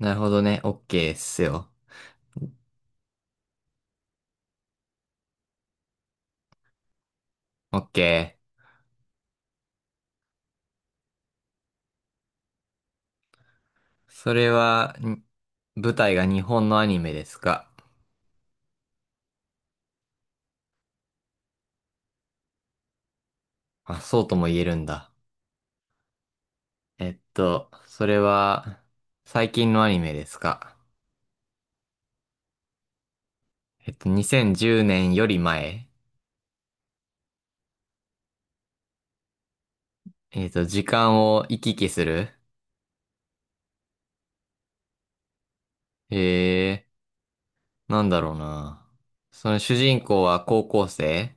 なるほどね。オッケーっすよ。オッケー。それは、舞台が日本のアニメですか？あ、そうとも言えるんだ。それは、最近のアニメですか？2010年より前？時間を行き来する？ええー、なんだろうな。その主人公は高校生？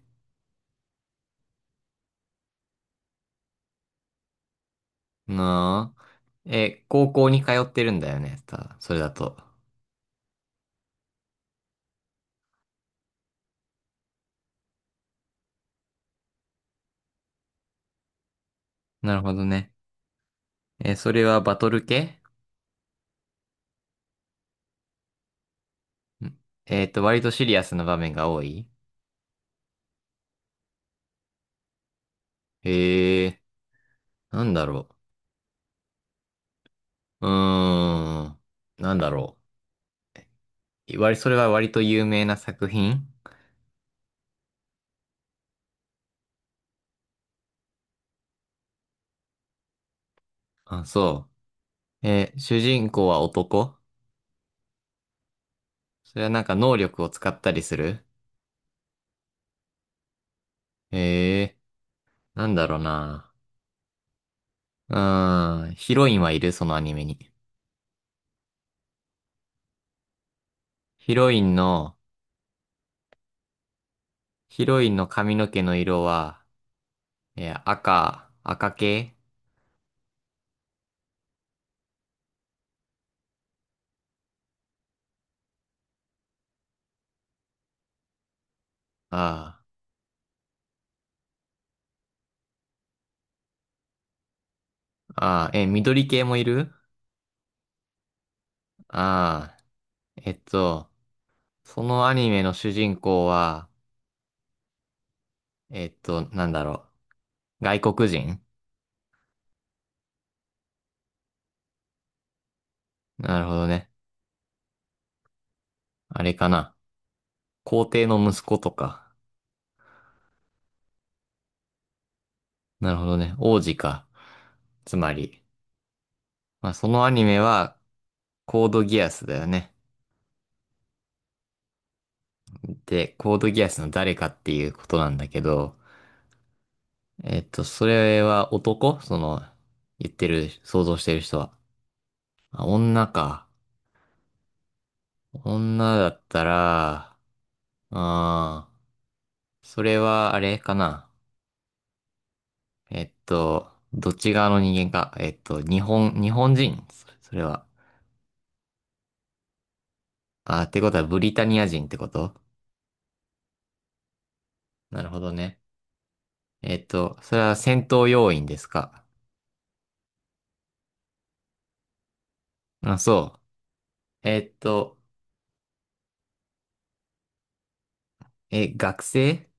なあ。え、高校に通ってるんだよね。たそれだと。なるほどね。え、それはバトル系？うん。割とシリアスな場面が多い？へえ、なんだろう。うーん、なんだろう。割、それは割と有名な作品？あ、そう。主人公は男？それはなんか能力を使ったりする？へえ、なんだろうな。うーん、ヒロインはいるそのアニメに。ヒロインの、ヒロインの髪の毛の色は、赤系？ああ、ああ、緑系もいる？ああ、えっと、そのアニメの主人公は、なんだろう。外国人？なるほどね。あれかな。皇帝の息子とか。なるほどね。王子か。つまり、まあ、そのアニメは、コードギアスだよね。で、コードギアスの誰かっていうことなんだけど、それは男その、言ってる、想像してる人は。あ、女か。女だったら、あー、それはあれかな。えっと、どっち側の人間か。えっと、日本人そそれは。あー、ってことはブリタニア人ってこと？なるほどね。えっと、それは戦闘要員ですか？あ、そう。え、学生？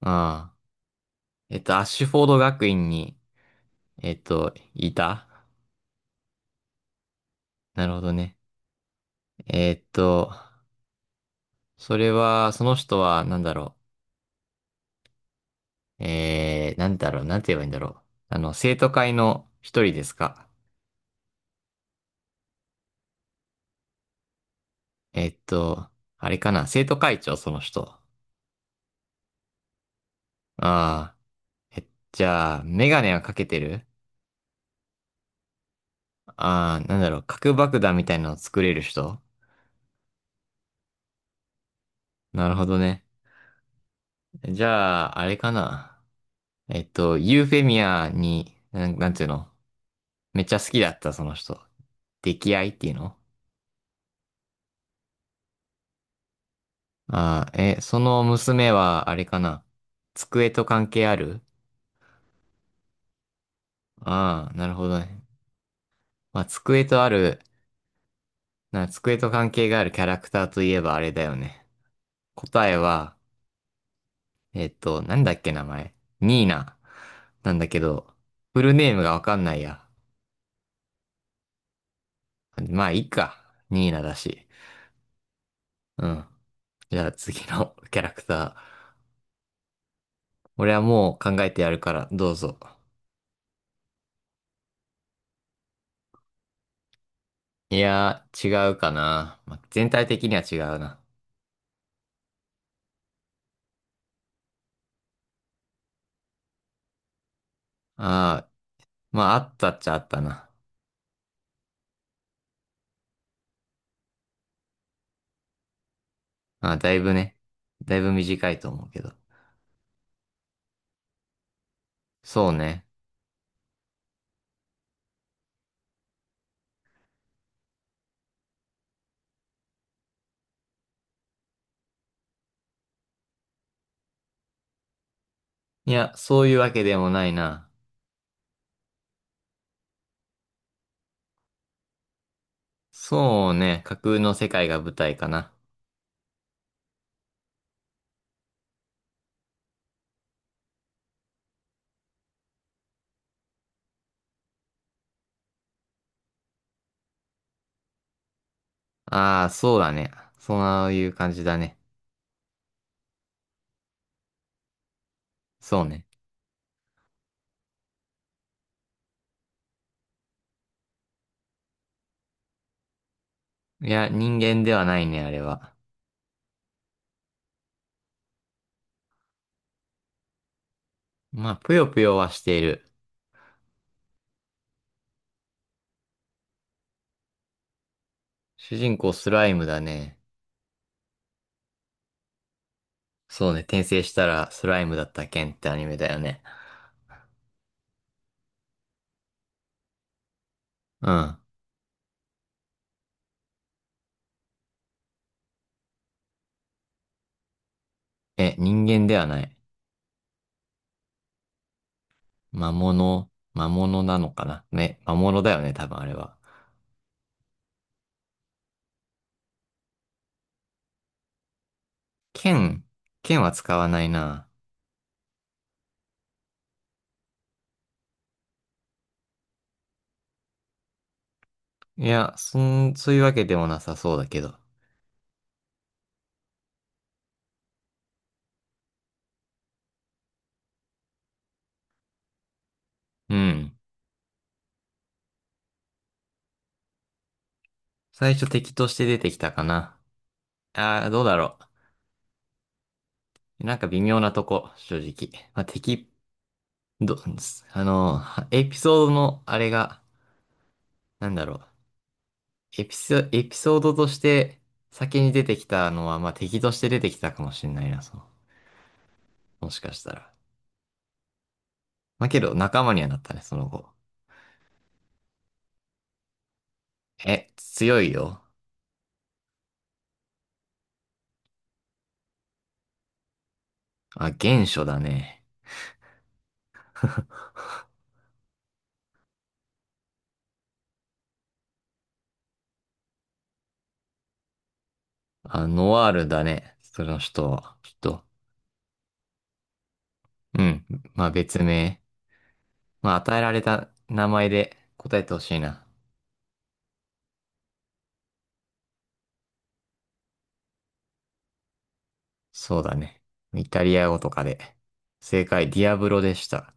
ああ。アッシュフォード学院に、いた？なるほどね。えっと、それは、その人は、なんだろう。なんだろう、なんて言えばいいんだろう。あの、生徒会の一人ですか？えっと、あれかな、生徒会長、その人。ああ、え、じゃあ、メガネはかけてる？ああ、なんだろう、核爆弾みたいなのを作れる人？なるほどね。じゃあ、あれかな。えっと、ユーフェミアに、なんていうの？めっちゃ好きだった、その人。溺愛っていうの？ああ、え、その娘は、あれかな。机と関係ある？ああ、なるほどね。まあ、机とある、机と関係があるキャラクターといえばあれだよね。答えは、えっと、なんだっけ名前。ニーナ。なんだけど、フルネームがわかんないや。まあ、いいか。ニーナだし。うん。じゃあ次の キャラクター。俺はもう考えてやるから、どうぞ。いやー、違うかな。まあ、全体的には違うな。ああ、まあ、あったっちゃあったな。ああ、だいぶね。だいぶ短いと思うけど。そうね。いや、そういうわけでもないな。そうね。架空の世界が舞台かな。ああ、そうだね。そういう感じだね。そうね。いや、人間ではないね、あれは。まあ、ぷよぷよはしている。主人公スライムだね。そうね、転生したらスライムだったケンってアニメだよね。うん。え、人間ではない。魔物、魔物なのかな。ね、魔物だよね、多分あれは。剣、剣は使わないな。いや、そういうわけでもなさそうだけど。うん。最初敵として出てきたかな。ああ、どうだろう。なんか微妙なとこ、正直。ど、あの、はエピソードのあれが、なんだろう。エピソードとして先に出てきたのは、まあ、敵として出てきたかもしれないな、その。もしかしたら。まあ、けど仲間にはなったね、その後。え、強いよ。あ、原初だね。あ、ノワールだね。その人は。きっと。うん。まあ、別名。まあ、与えられた名前で答えてほしいな。そうだね。イタリア語とかで。正解、ディアブロでした。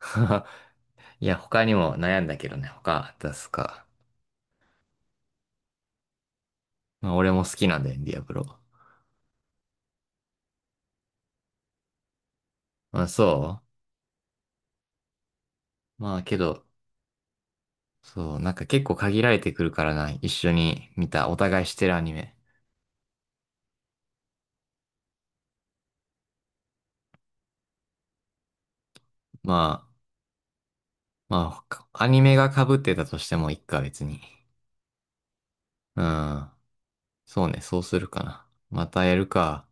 いや、他にも悩んだけどね、他出すか。まあ、俺も好きなんだよね、ディアブロ。まあ、そまあ、けど、そう、なんか結構限られてくるからな、一緒に見た、お互いしてるアニメ。まあ、まあ、アニメが被ってたとしてもいいか、別に。うん。そうね、そうするかな。またやるか。